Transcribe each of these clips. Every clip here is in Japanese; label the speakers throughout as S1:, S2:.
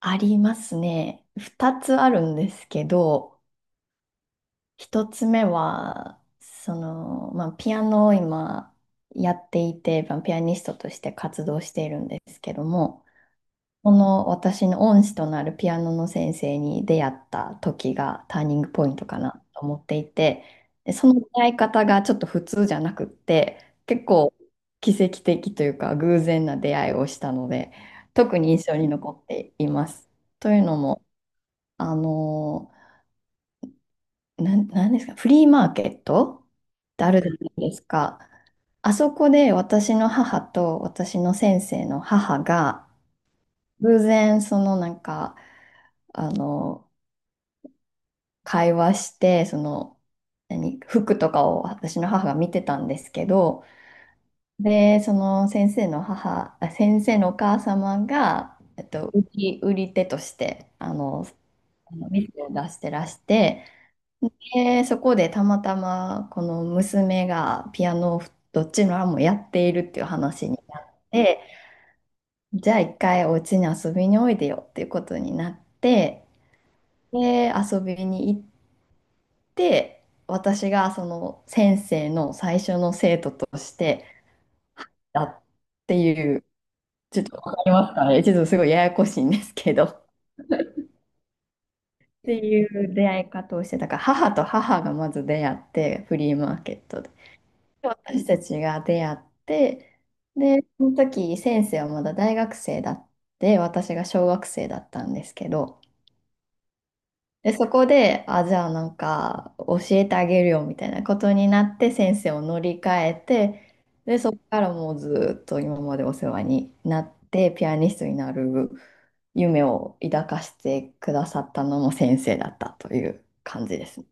S1: ありますね。二つあるんですけど、一つ目は、ピアノを今やっていて、まあピアニストとして活動しているんですけども、この私の恩師となるピアノの先生に出会った時がターニングポイントかなと思っていて、でその出会い方がちょっと普通じゃなくって、結構奇跡的というか偶然な出会いをしたので、特に印象に残っています。というのも、あの、なんですか、フリーマーケットってあるじゃないですか。あそこで私の母と私の先生の母が、偶然あの、会話して、服とかを私の母が見てたんですけど、で、先生のお母様が、売り手として、あの店を出してらして、で、そこでたまたまこの娘がピアノをどっちの案もやっているっていう話になって、じゃあ一回お家に遊びにおいでよっていうことになって、で、遊びに行って、私がその先生の最初の生徒としてだっていう、ちょっとわかりますかね、ちょっとすごいややこしいんですけど。っていう出会い方をして、だから母と母がまず出会って、フリーマーケットで。私たちが出会って、で、その時先生はまだ大学生だって、私が小学生だったんですけど、で、そこで、あ、じゃあなんか教えてあげるよみたいなことになって先生を乗り換えて、で、そこからもうずっと今までお世話になって、ピアニストになる夢を抱かしてくださったのも先生だったという感じですね。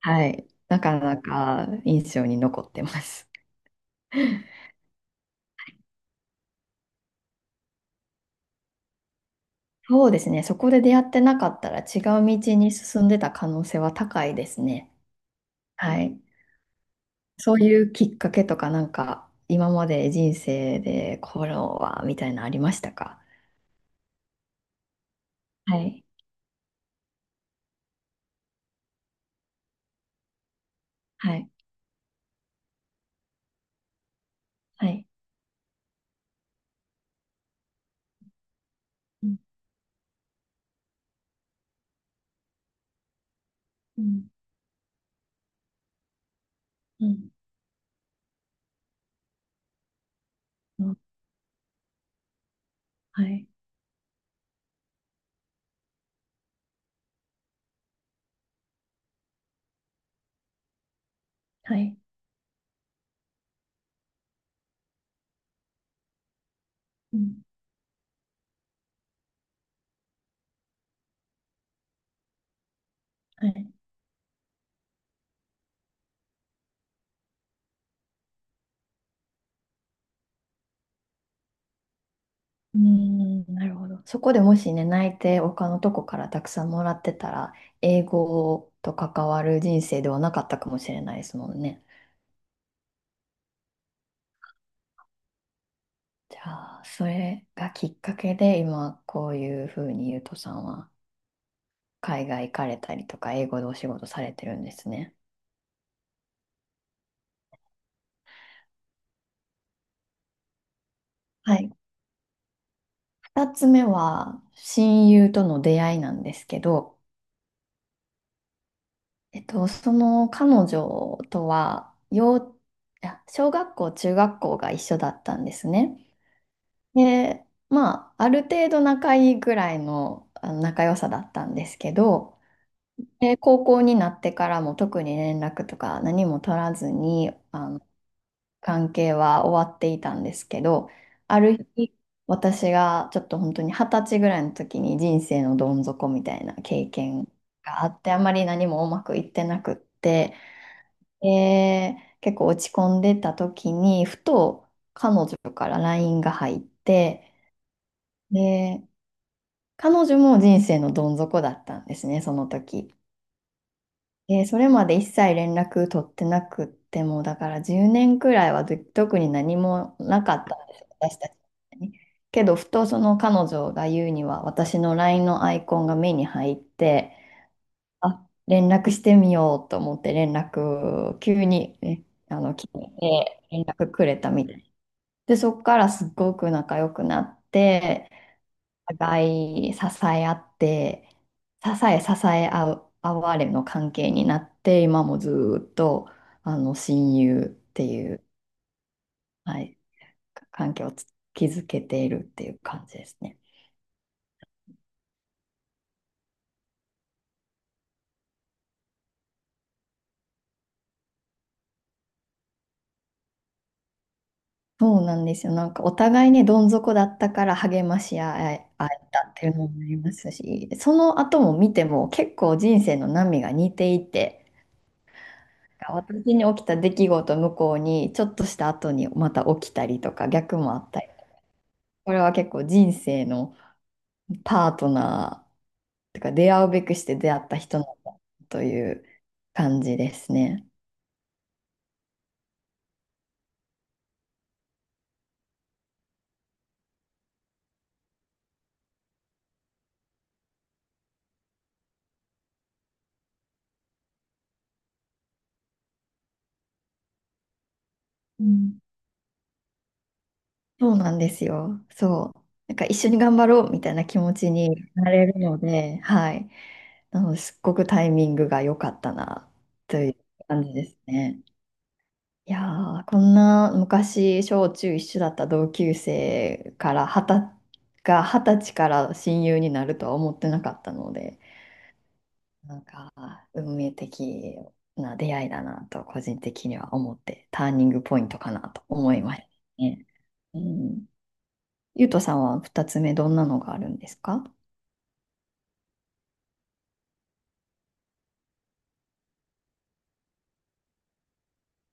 S1: はい。なかなか印象に残ってます。そうですね。そこで出会ってなかったら違う道に進んでた可能性は高いですね。はい。そういうきっかけとかなんか今まで人生でこれはみたいなのありましたか？はい。はい。はい。うん。うん。うんうん。はい。はい。うん。はい。うーん。なるほど。そこでもしね、泣いて他のとこからたくさんもらってたら、英語と関わる人生ではなかったかもしれないですもんね。じゃあ、それがきっかけで、今、こういうふうにゆうとさんは、海外行かれたりとか、英語でお仕事されてるんですね。はい。二つ目は、親友との出会いなんですけど、その彼女とは、幼、いや小学校、中学校が一緒だったんですね。で、まあ、ある程度仲いいぐらいの、あの仲良さだったんですけど、で、高校になってからも特に連絡とか何も取らずに、あの関係は終わっていたんですけど、ある日、私がちょっと本当に二十歳ぐらいの時に人生のどん底みたいな経験があって、あまり何もうまくいってなくって、で結構落ち込んでた時に、ふと彼女からラインが入って、で、彼女も人生のどん底だったんですね、その時。それまで一切連絡取ってなくっても、だから10年くらいはず特に何もなかったんですよ、私たちに。けど、ふとその彼女が言うには、私の LINE のアイコンが目に入って、あ、連絡してみようと思って連絡、急に、ね、来て連絡くれたみたい。で、そこからすっごく仲良くなって、お互い支え合って、支え支え合う、合われの関係になって、今もずーっと、親友っていう、はい、関係を築けているっていう感じですね。そうなんですよ。なんかお互いね、どん底だったから励まし合えたっていうのもありますし、その後も見ても結構人生の波が似ていて、なんか私に起きた出来事向こうにちょっとした後にまた起きたりとか逆もあったり、これは結構人生のパートナー、てか出会うべくして出会った人なんだという感じですね。うん。そうなんですよ。そう。なんか一緒に頑張ろうみたいな気持ちになれるので、はい。なので、すっごくタイミングが良かったなという感じですね。いやー、こんな昔、小中一緒だった同級生から二十歳から親友になるとは思ってなかったので。なんか、運命的な出会いだなと、個人的には思って、ターニングポイントかなと思いましたね。うん。ゆうとさんは2つ目、どんなのがあるんですか？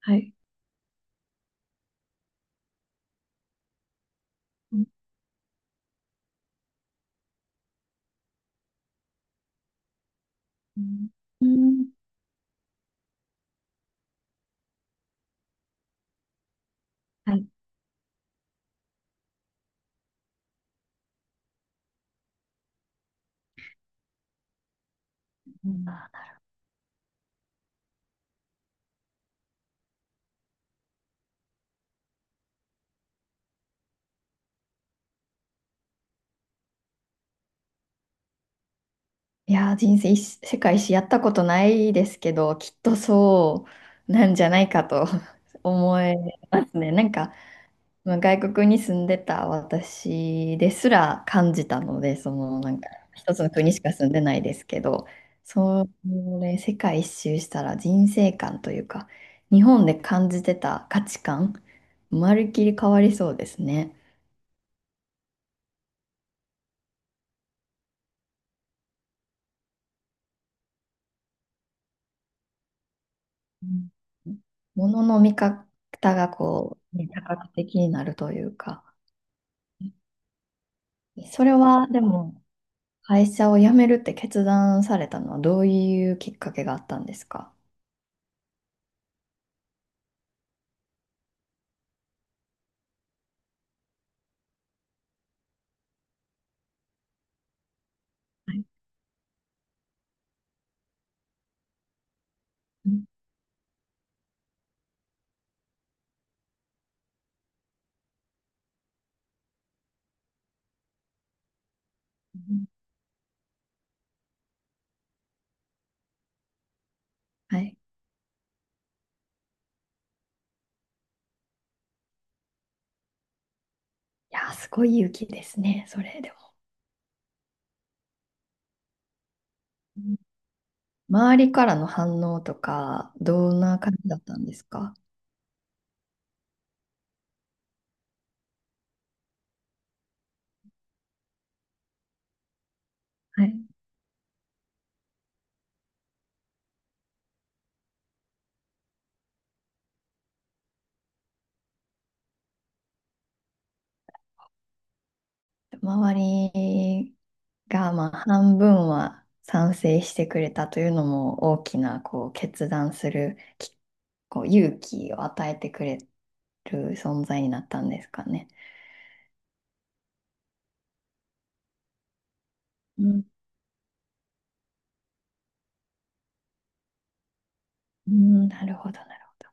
S1: はい。うんうん。はい。うん。いやー、人生一、世界史やったことないですけど、きっとそうなんじゃないかと 思いますね。なんか、まあ外国に住んでた私ですら感じたので、一つの国しか住んでないですけど、それ世界一周したら人生観というか、日本で感じてた価値観、まるっきり変わりそうですね。うん。物の見方がこう、ね、多角的になるというか、それはでも会社を辞めるって決断されたのはどういうきっかけがあったんですか？はい。うんうん。はい。いやー、すごい勇気ですね、それでも。うん。周りからの反応とか、どんな感じだったんですか？はい。周りが、まあ、半分は賛成してくれたというのも大きな、こう、決断するき、こう、勇気を与えてくれる存在になったんですかね。うん、うん、なるほど、なるほど。